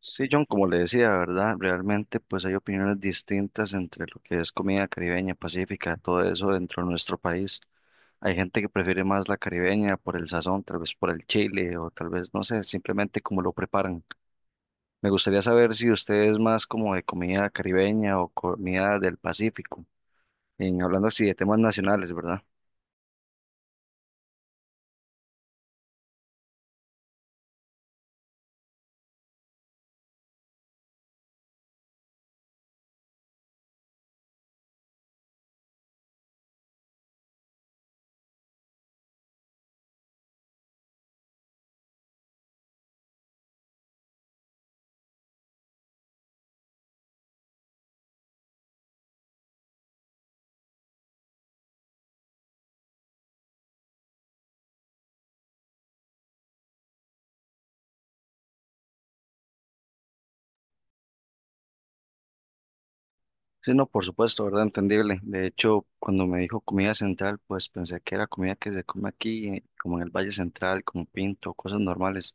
Sí, John, como le decía, ¿verdad? Realmente pues hay opiniones distintas entre lo que es comida caribeña, pacífica, todo eso dentro de nuestro país. Hay gente que prefiere más la caribeña por el sazón, tal vez por el chile o tal vez, no sé, simplemente como lo preparan. Me gustaría saber si usted es más como de comida caribeña o comida del Pacífico, en, hablando así de temas nacionales, ¿verdad? Sí, no, por supuesto, ¿verdad? Entendible. De hecho, cuando me dijo comida central, pues pensé que era comida que se come aquí, como en el Valle Central, como pinto, cosas normales.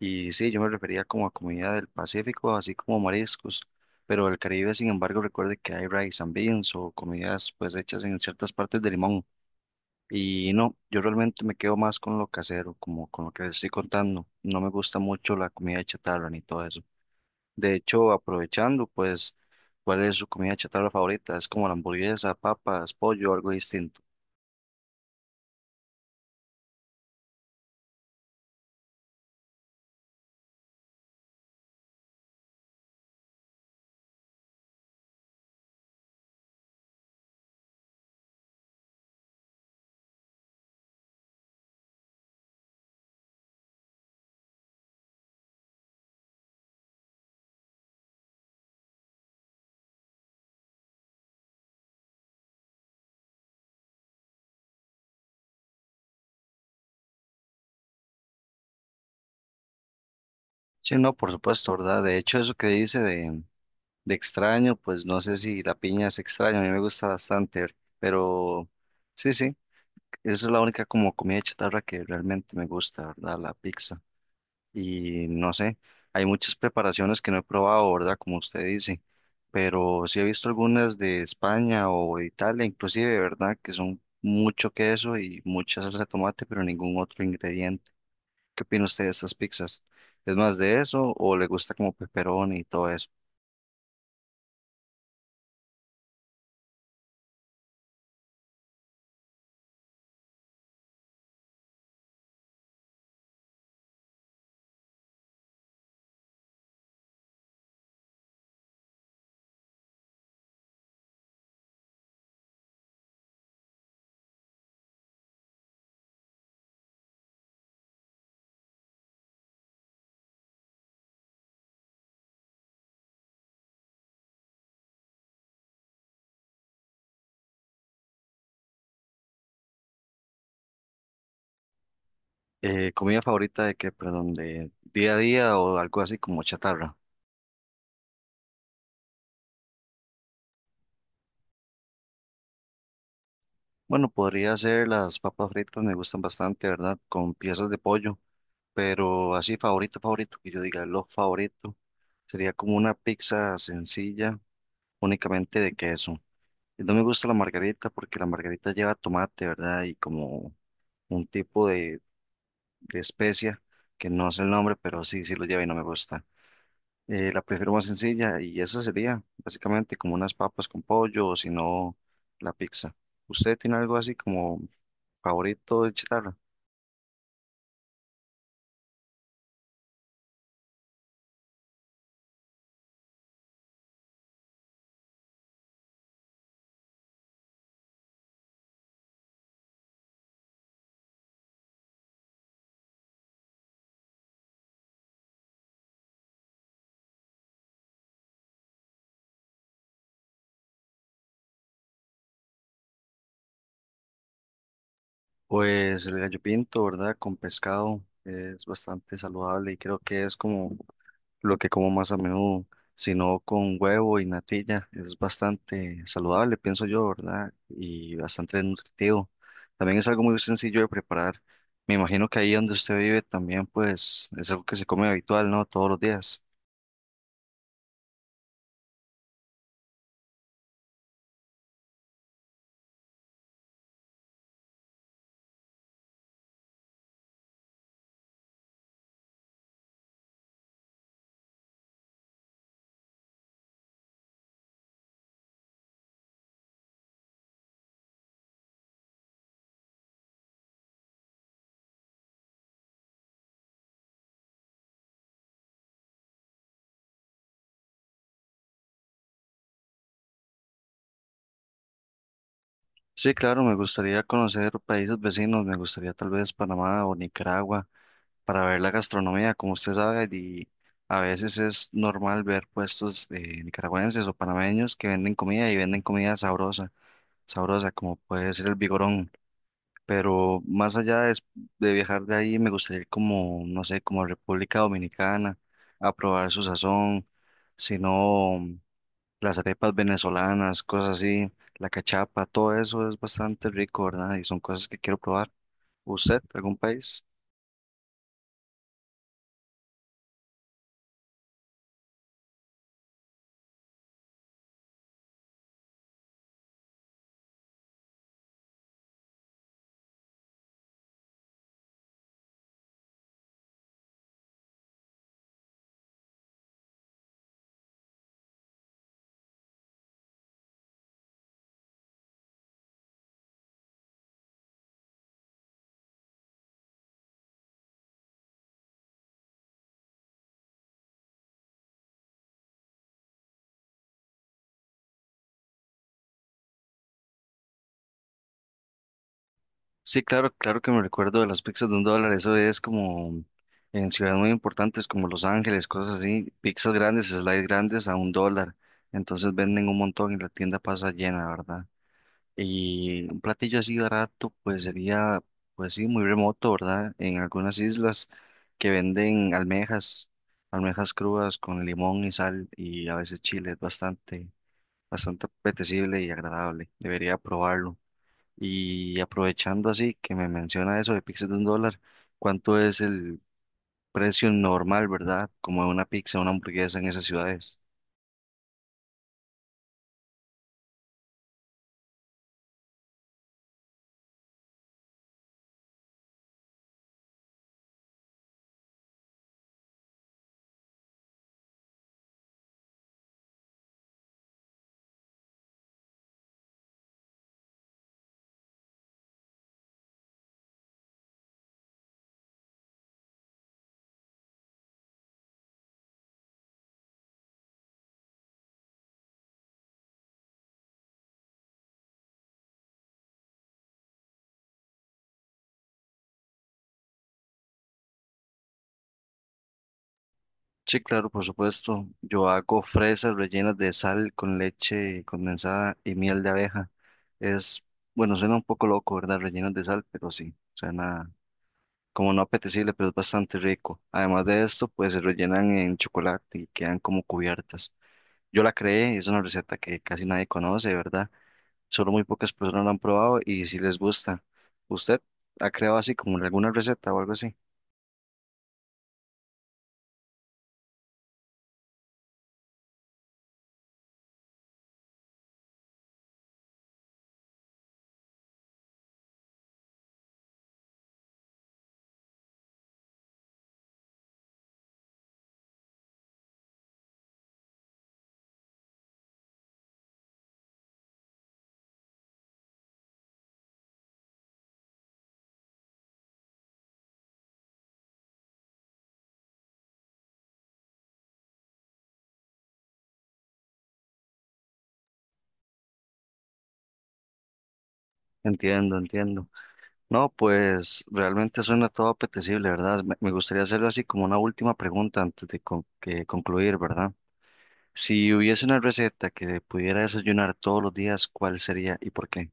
Y sí, yo me refería como a comida del Pacífico, así como mariscos. Pero el Caribe, sin embargo, recuerde que hay rice and beans o comidas pues hechas en ciertas partes de limón. Y no, yo realmente me quedo más con lo casero, como con lo que les estoy contando. No me gusta mucho la comida de chatarra ni todo eso. De hecho, aprovechando, pues, ¿cuál es su comida chatarra favorita? ¿Es como la hamburguesa, papas, pollo, algo distinto? Sí, no, por supuesto, ¿verdad? De hecho, eso que dice de extraño, pues no sé si la piña es extraña, a mí me gusta bastante, pero sí, sí, esa es la única como comida chatarra que realmente me gusta, ¿verdad? La pizza. Y no sé, hay muchas preparaciones que no he probado, ¿verdad? Como usted dice, pero sí he visto algunas de España o de Italia, inclusive, ¿verdad? Que son mucho queso y mucha salsa de tomate, pero ningún otro ingrediente. ¿Qué opina usted de estas pizzas? ¿Es más de eso o le gusta como pepperoni y todo eso? ¿Comida favorita de qué? Perdón, de día a día o algo así como chatarra. Bueno, podría ser las papas fritas, me gustan bastante, ¿verdad? Con piezas de pollo. Pero así favorito, favorito, que yo diga lo favorito, sería como una pizza sencilla, únicamente de queso. Y no me gusta la margarita porque la margarita lleva tomate, ¿verdad? Y como un tipo de especia, que no sé el nombre, pero sí, sí lo lleva y no me gusta. La prefiero más sencilla y esa sería básicamente como unas papas con pollo o si no, la pizza. ¿Usted tiene algo así como favorito de chatarra? Pues el gallo pinto, ¿verdad? Con pescado es bastante saludable y creo que es como lo que como más a menudo, sino con huevo y natilla, es bastante saludable, pienso yo, ¿verdad? Y bastante nutritivo. También es algo muy sencillo de preparar. Me imagino que ahí donde usted vive también, pues es algo que se come habitual, ¿no? Todos los días. Sí, claro, me gustaría conocer países vecinos, me gustaría tal vez Panamá o Nicaragua. Para ver la gastronomía. Como usted sabe, y a veces es normal ver puestos de nicaragüenses o panameños que venden comida y venden comida sabrosa, sabrosa, como puede ser el vigorón. Pero más allá de viajar de ahí, me gustaría ir como, no sé, como a República Dominicana, a probar su sazón, sino las arepas venezolanas, cosas así, la cachapa, todo eso es bastante rico, ¿verdad? Y son cosas que quiero probar. ¿Usted, algún país? Sí, claro, claro que me recuerdo de las pizzas de $1, eso es como en ciudades muy importantes como Los Ángeles, cosas así, pizzas grandes, slides grandes a $1, entonces venden un montón y la tienda pasa llena, ¿verdad? Y un platillo así barato, pues sería, pues sí, muy remoto, ¿verdad? En algunas islas que venden almejas, almejas crudas con limón y sal y a veces chile, es bastante, bastante apetecible y agradable, debería probarlo. Y aprovechando así que me menciona eso de pizzas de $1, ¿cuánto es el precio normal, verdad? Como de una pizza, una hamburguesa en esas ciudades. Sí, claro, por supuesto. Yo hago fresas rellenas de sal con leche condensada y miel de abeja. Es, bueno, suena un poco loco, ¿verdad? Rellenas de sal, pero sí, suena como no apetecible, pero es bastante rico. Además de esto, pues se rellenan en chocolate y quedan como cubiertas. Yo la creé, es una receta que casi nadie conoce, ¿verdad? Solo muy pocas personas lo han probado y si les gusta. ¿Usted ha creado así como alguna receta o algo así? Entiendo, entiendo. No, pues realmente suena todo apetecible, ¿verdad? Me gustaría hacerlo así como una última pregunta antes de que concluir, ¿verdad? Si hubiese una receta que pudiera desayunar todos los días, ¿cuál sería y por qué?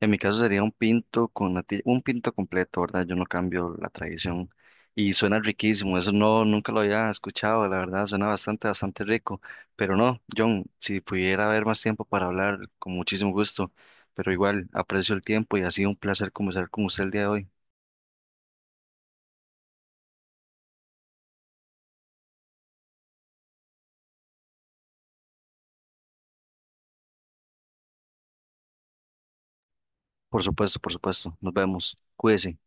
En mi caso sería un pinto completo, ¿verdad? Yo no cambio la tradición. Y suena riquísimo, eso no, nunca lo había escuchado, la verdad, suena bastante, bastante rico. Pero no, John, si pudiera haber más tiempo para hablar, con muchísimo gusto. Pero igual, aprecio el tiempo y ha sido un placer conversar con usted el día de hoy. Por supuesto, por supuesto. Nos vemos. Cuídese.